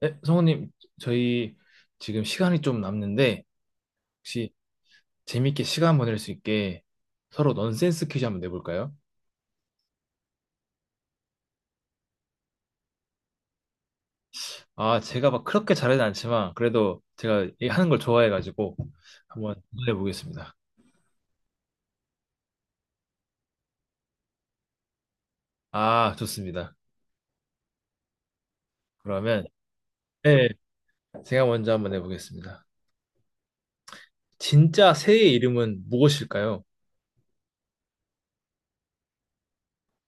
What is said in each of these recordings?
네, 성우님, 저희 지금 시간이 좀 남는데, 혹시 재밌게 시간 보낼 수 있게 서로 넌센스 퀴즈 한번 내볼까요? 아, 제가 막 그렇게 잘하진 않지만, 그래도 제가 이 하는 걸 좋아해가지고, 한번 해보겠습니다. 아, 좋습니다. 그러면, 네, 제가 먼저 한번 해보겠습니다. 진짜 새의 이름은 무엇일까요?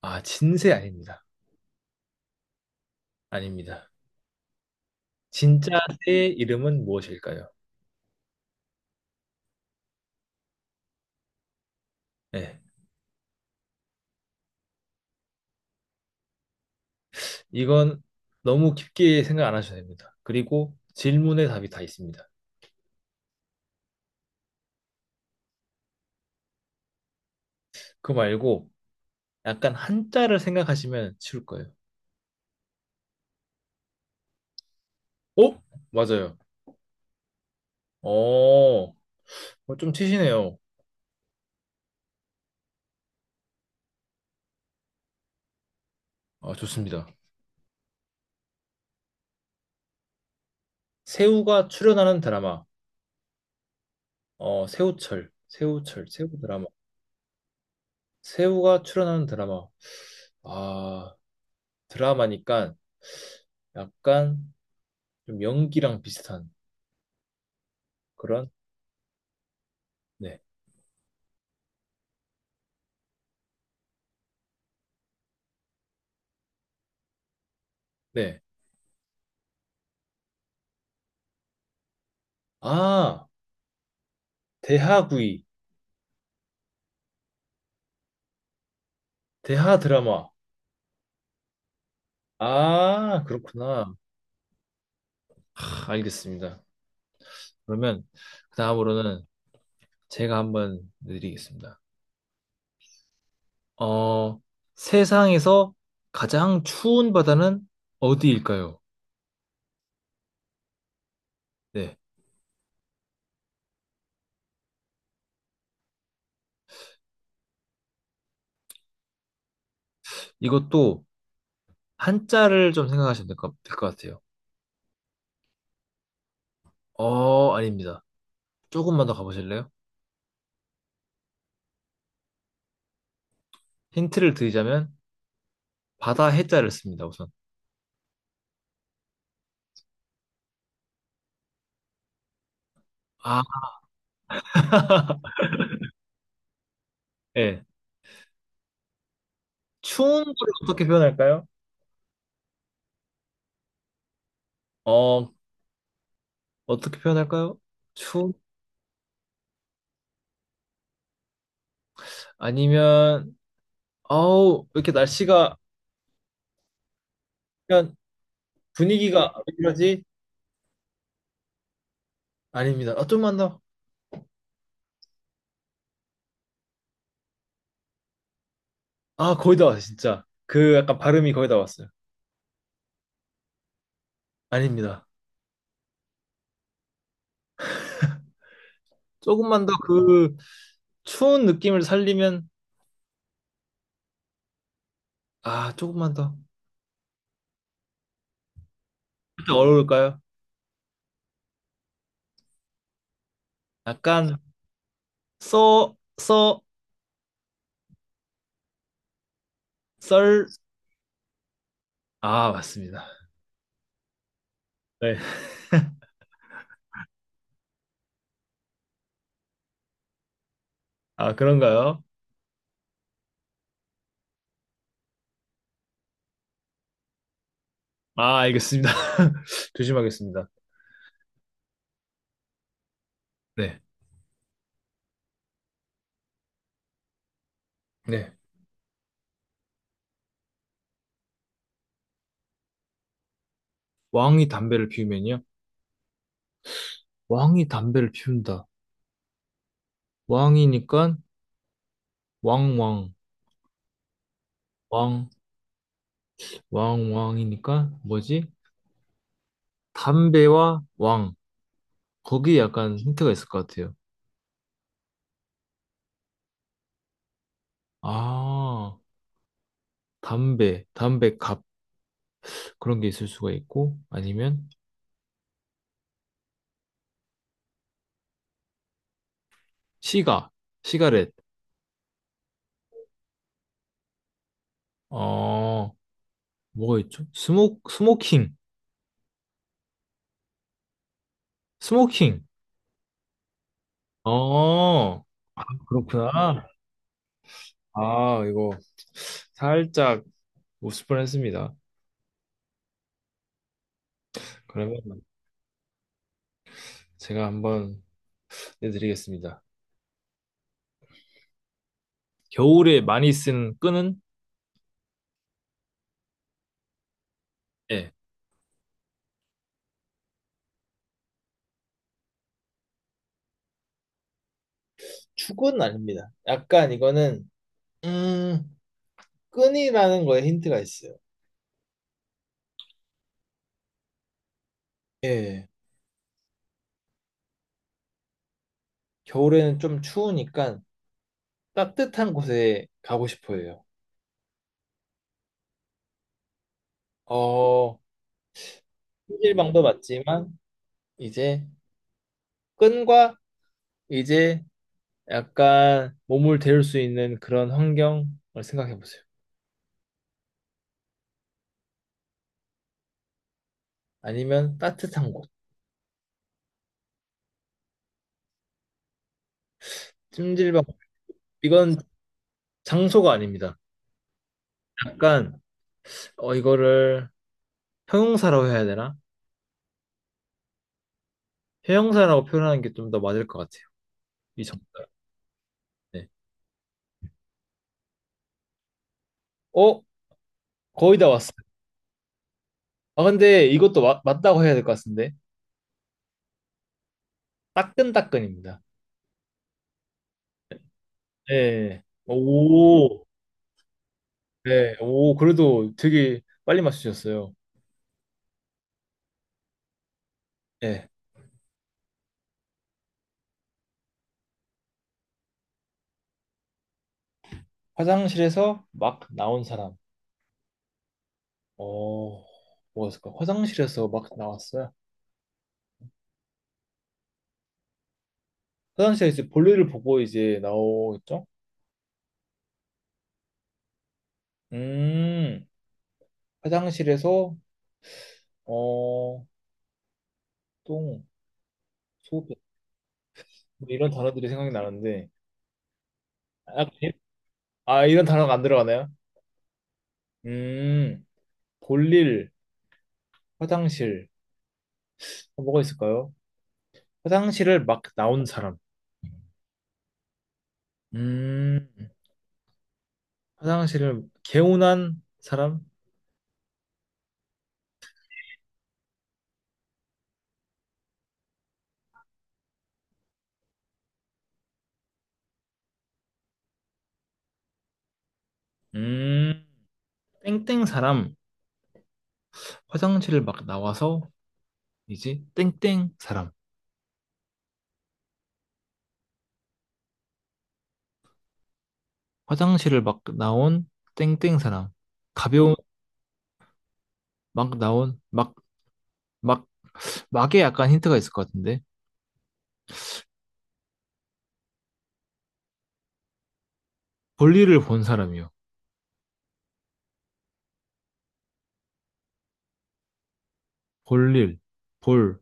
아, 진새 아닙니다. 아닙니다. 진짜 새의 이름은 무엇일까요? 네. 이건 너무 깊게 생각 안 하셔도 됩니다. 그리고 질문에 답이 다 있습니다. 그거 말고 약간 한자를 생각하시면 쉬울 거예요. 어? 맞아요. 어, 어, 좀 치시네요. 아, 좋습니다. 새우가 출연하는 드라마. 새우철, 새우 드라마. 새우가 출연하는 드라마. 아, 드라마니까 약간 좀 연기랑 비슷한 그런, 네, 네. 아, 대하구이, 대하 드라마. 아, 그렇구나. 하, 알겠습니다. 그러면 그 다음으로는 제가 한번 드리겠습니다. 어, 세상에서 가장 추운 바다는 어디일까요? 네. 이것도 한자를 좀 생각하시면 될 것, 될것 같아요. 아닙니다. 조금만 더 가보실래요? 힌트를 드리자면 바다 해자를 씁니다, 우선. 아, 예. 추운 걸 어떻게 표현할까요? 어, 어떻게 표현할까요? 추운? 아니면 어우, 왜 이렇게 날씨가 그냥 분위기가 왜 이러지? 아닙니다. 아, 좀만 더. 아, 거의 다 왔어요, 진짜. 그 약간 발음이 거의 다 왔어요. 아닙니다. 조금만 더 그 추운 느낌을 살리면 아, 조금만 더. 그렇게 어려울까요? 약간 써, 써, 썰. 아, 맞습니다. 네. 아, 그런가요? 아, 알겠습니다. 조심하겠습니다. 네. 네. 왕이 담배를 피우면요. 왕이 담배를 피운다. 왕이니까 왕왕 왕. 왕왕이니까 뭐지? 담배와 왕. 거기에 약간 힌트가 있을 것 같아요. 아, 담배, 담배갑 그런 게 있을 수가 있고 아니면 시가, 시가렛. 어, 뭐가 있죠? 스모킹, 스모킹. 어, 그렇구나. 아, 이거 살짝 웃을 뻔했습니다. 그러면 제가 한번 내드리겠습니다. 겨울에 많이 쓴 끈은? 예. 축은 아닙니다. 약간 이거는 음, 끈이라는 거에 힌트가 있어요. 예. 겨울에는 좀 추우니까 따뜻한 곳에 가고 싶어 해요. 어, 손질방도 맞지만, 이제 끈과 이제 약간 몸을 데울 수 있는 그런 환경을 생각해 보세요. 아니면 따뜻한 곳. 찜질방. 이건 장소가 아닙니다. 약간, 이거를 형용사라고 해야 되나? 형용사라고 표현하는 게 좀 더 맞을 것 같아요. 이 정답. 네. 어? 거의 다 왔어. 아, 근데 이것도 맞다고 해야 될 것 같은데. 따끈따끈입니다. 예. 오, 네, 오, 그래도 되게 빨리 맞추셨어요. 예. 화장실에서 막 나온 사람. 어, 뭐였을까? 화장실에서 막 나왔어요. 화장실에서 이제 볼일을 보고 이제 나오겠죠? 음, 화장실에서, 어, 똥, 소변, 뭐 이런 단어들이 생각이 나는데. 아, 아, 이런 단어가 안 들어가나요? 음, 볼일, 화장실. 뭐가 있을까요? 화장실을 막 나온 사람. 음, 화장실을 개운한 사람? 음, 땡땡 사람. 화장실을 막 나와서 이제 땡땡 사람. 화장실을 막 나온 땡땡 사람. 가벼운 막 나온 막, 막, 막에 약간 힌트가 있을 것 같은데. 볼일을 본 사람이요. 볼일, 볼,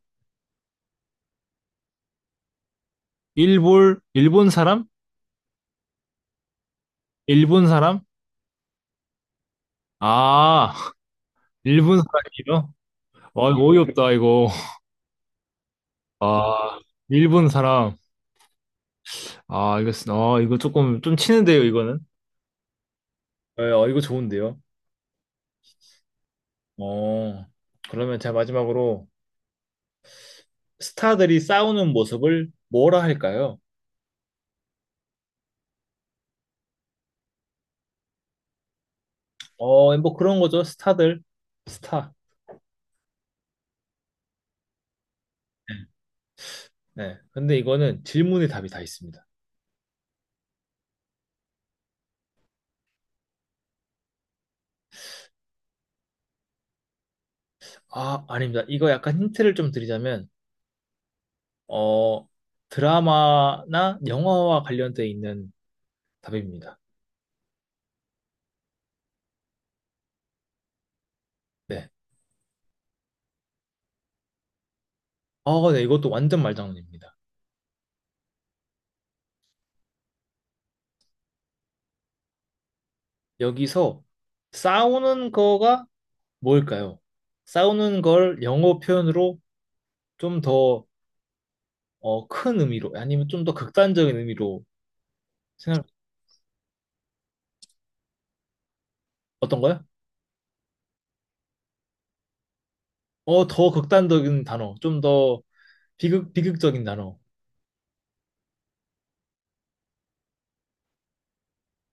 일볼, 일본 사람? 일본 사람? 아, 일본 사람이요? 와, 이거 어이없다, 이거. 아, 일본 사람. 아, 이거, 쓰- 아, 이거 조금, 좀 치는데요, 이거는? 네, 이거 좋은데요? 어, 그러면 제가 마지막으로 스타들이 싸우는 모습을 뭐라 할까요? 어, 뭐 그런 거죠. 스타들. 스타. 네. 네. 근데 이거는 질문의 답이 다 있습니다. 아, 아닙니다. 이거 약간 힌트를 좀 드리자면, 어, 드라마나 영화와 관련돼 있는 답입니다. 네. 네. 이것도 완전 말장난입니다. 여기서 싸우는 거가 뭘까요? 싸우는 걸 영어 표현으로 좀 더, 큰 의미로, 아니면 좀 더 극단적인 의미로 생각, 어떤 거요? 더 극단적인 단어, 좀 더 비극, 비극적인 단어.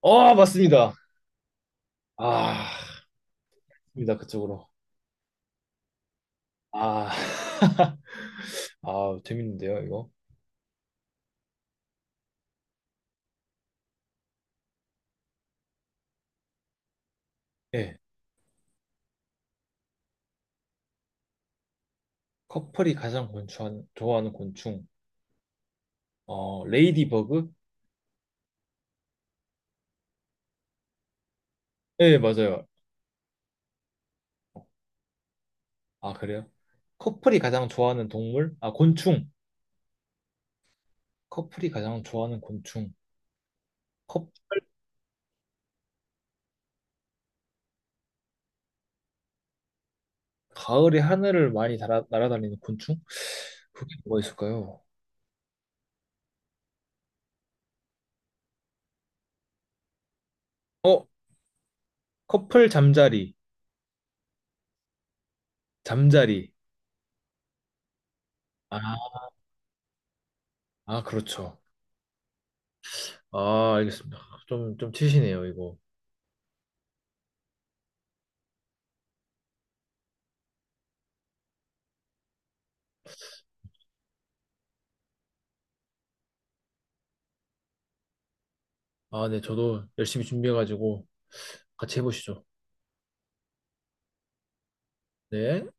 어, 맞습니다. 아, 맞습니다. 그쪽으로. 아, 아, 재밌는데요, 이거? 예. 커플이 가장 좋아하는 곤충. 레이디버그? 예, 맞아요. 아, 그래요? 커플이 가장 좋아하는 동물? 아, 곤충. 커플이 가장 좋아하는 곤충. 커플. 가을에 하늘을 많이 날아다니는 곤충? 그게 뭐가 있을까요? 어, 커플 잠자리, 잠자리. 아, 아, 그렇죠. 아, 알겠습니다. 좀 치시네요, 이거. 아, 네, 저도 열심히 준비해가지고 같이 해보시죠. 네.